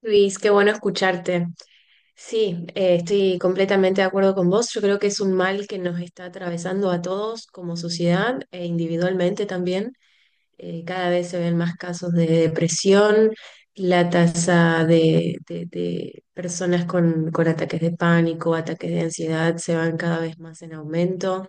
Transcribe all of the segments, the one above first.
Luis, qué bueno escucharte. Sí, estoy completamente de acuerdo con vos. Yo creo que es un mal que nos está atravesando a todos como sociedad e individualmente también. Cada vez se ven más casos de depresión, la tasa de personas con ataques de pánico, ataques de ansiedad se van cada vez más en aumento,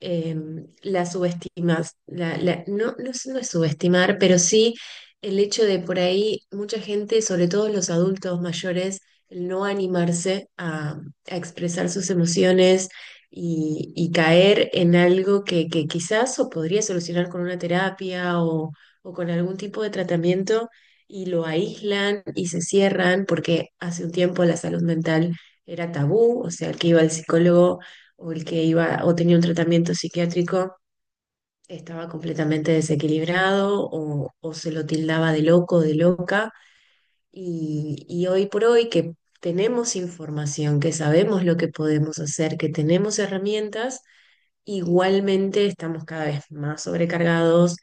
eh, la subestimas, no, no, es no es subestimar, pero sí el hecho de por ahí mucha gente, sobre todo los adultos mayores, el no animarse a expresar sus emociones y caer en algo que quizás o podría solucionar con una terapia o con algún tipo de tratamiento, y lo aíslan y se cierran porque hace un tiempo la salud mental era tabú, o sea, el que iba al psicólogo o el que iba o tenía un tratamiento psiquiátrico estaba completamente desequilibrado o se lo tildaba de loco, de loca. Y hoy por hoy que tenemos información, que sabemos lo que podemos hacer, que tenemos herramientas, igualmente estamos cada vez más sobrecargados.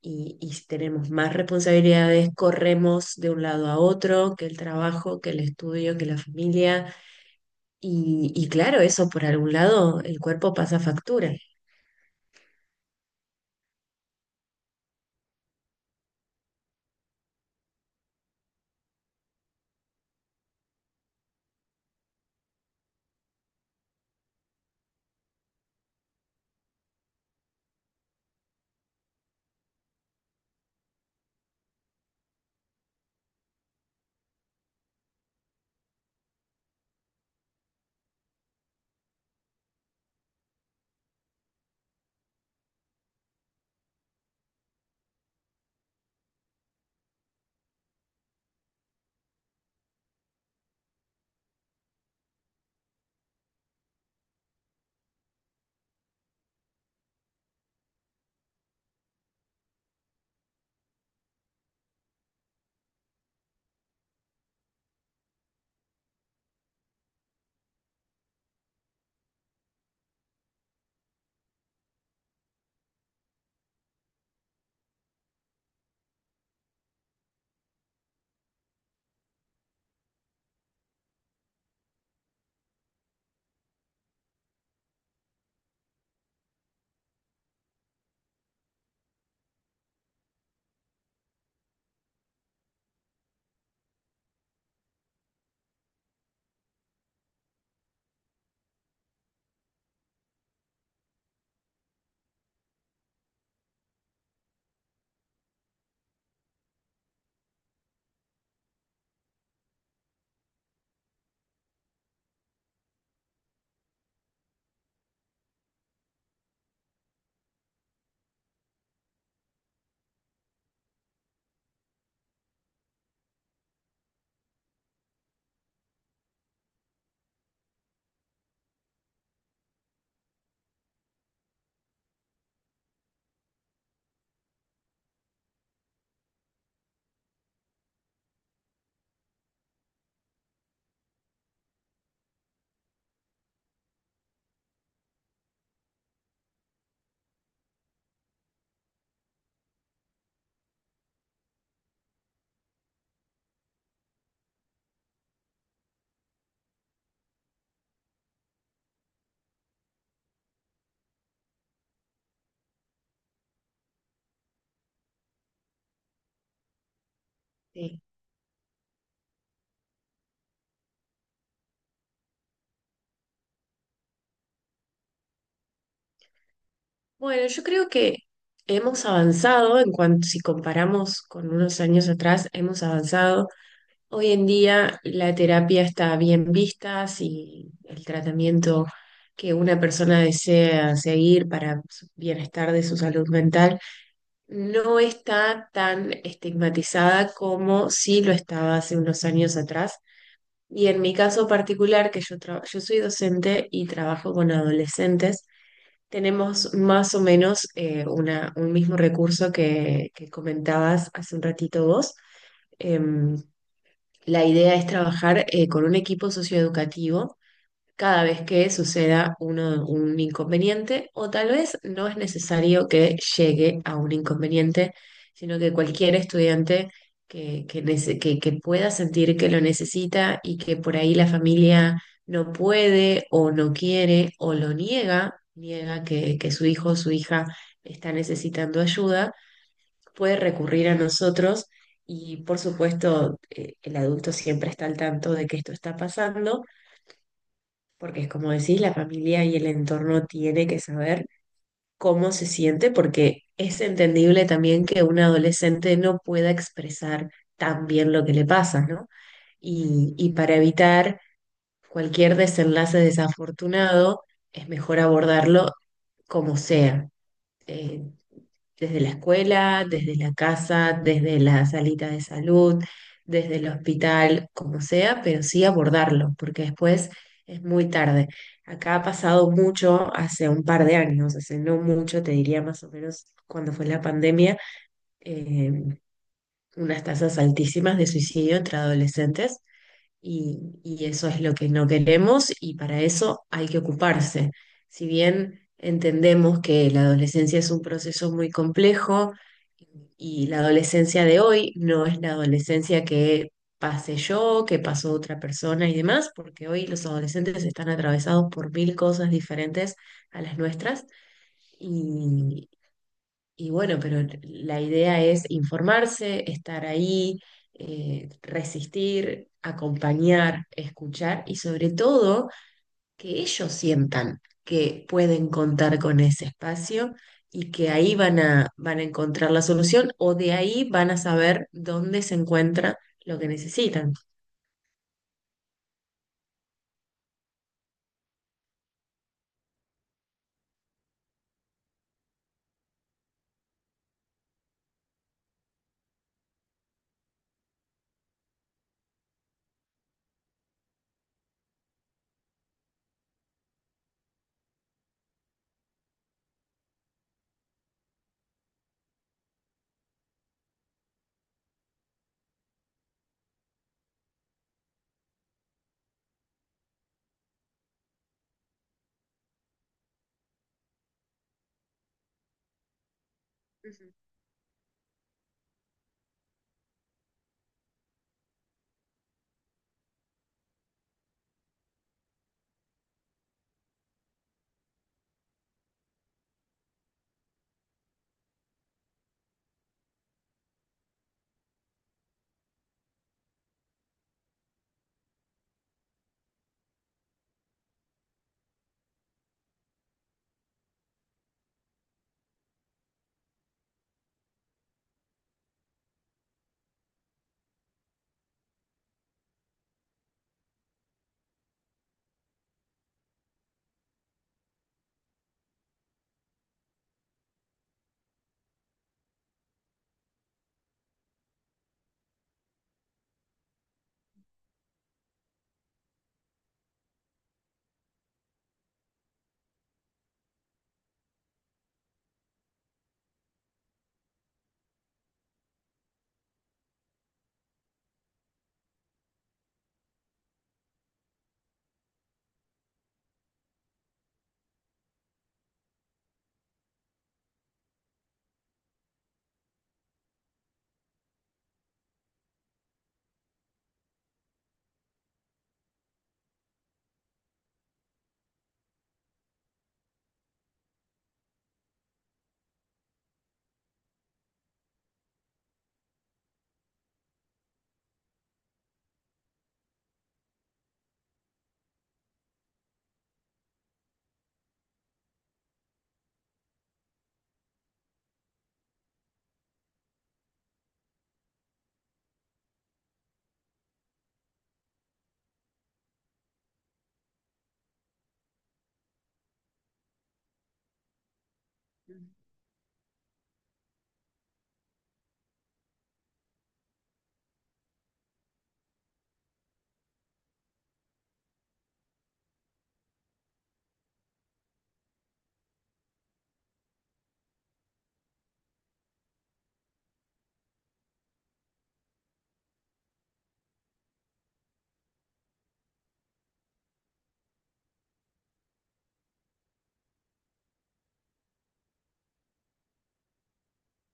Y tenemos más responsabilidades, corremos de un lado a otro, que el trabajo, que el estudio, que la familia. Y claro, eso por algún lado, el cuerpo pasa factura. Sí. Bueno, yo creo que hemos avanzado en cuanto, si comparamos con unos años atrás, hemos avanzado. Hoy en día la terapia está bien vista, si el tratamiento que una persona desea seguir para su bienestar de su salud mental no está tan estigmatizada como si lo estaba hace unos años atrás. Y en mi caso particular, que yo, yo soy docente y trabajo con adolescentes, tenemos más o menos una, un mismo recurso que comentabas hace un ratito vos. Em, la idea es trabajar con un equipo socioeducativo cada vez que suceda un inconveniente o tal vez no es necesario que llegue a un inconveniente, sino que cualquier estudiante que, que pueda sentir que lo necesita y que por ahí la familia no puede o no quiere o lo niega, niega que su hijo o su hija está necesitando ayuda, puede recurrir a nosotros. Y por supuesto, el adulto siempre está al tanto de que esto está pasando, porque es como decís, la familia y el entorno tiene que saber cómo se siente, porque es entendible también que un adolescente no pueda expresar tan bien lo que le pasa, ¿no? Y para evitar cualquier desenlace desafortunado, es mejor abordarlo como sea. Eh, Desde la escuela, desde la casa, desde la salita de salud, desde el hospital, como sea, pero sí abordarlo, porque después es muy tarde. Acá ha pasado mucho hace un par de años, hace no mucho, te diría más o menos cuando fue la pandemia, eh, unas tasas altísimas de suicidio entre adolescentes y eso es lo que no queremos y para eso hay que ocuparse. Si bien entendemos que la adolescencia es un proceso muy complejo y la adolescencia de hoy no es la adolescencia que pasé yo, que pasó otra persona y demás, porque hoy los adolescentes están atravesados por mil cosas diferentes a las nuestras y y bueno, pero la idea es informarse, estar ahí, resistir, acompañar, escuchar y sobre todo que ellos sientan que pueden contar con ese espacio y que ahí van a encontrar la solución o de ahí van a saber dónde se encuentra lo que necesitan.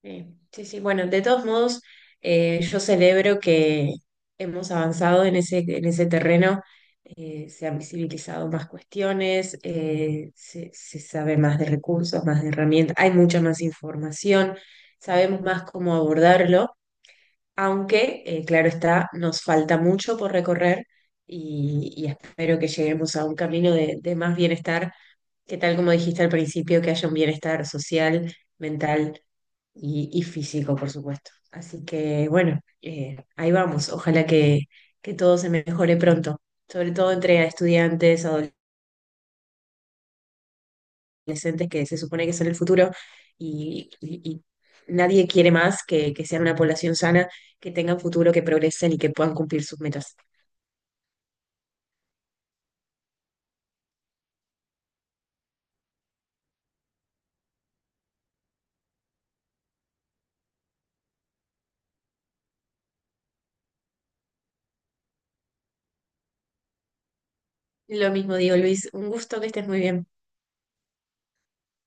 Sí, sí, sí. Bueno, de todos modos, yo celebro que hemos avanzado en en ese terreno, se han visibilizado más cuestiones, se, se sabe más de recursos, más de herramientas, hay mucha más información, sabemos más cómo abordarlo, aunque, claro está, nos falta mucho por recorrer y espero que lleguemos a un camino de más bienestar, que tal como dijiste al principio, que haya un bienestar social, mental y físico, por supuesto. Así que bueno, ahí vamos. Ojalá que todo se mejore pronto, sobre todo entre estudiantes, adolescentes, que se supone que son el futuro y nadie quiere más que sean una población sana, que tengan futuro, que progresen y que puedan cumplir sus metas. Lo mismo digo, Luis, un gusto que estés muy bien.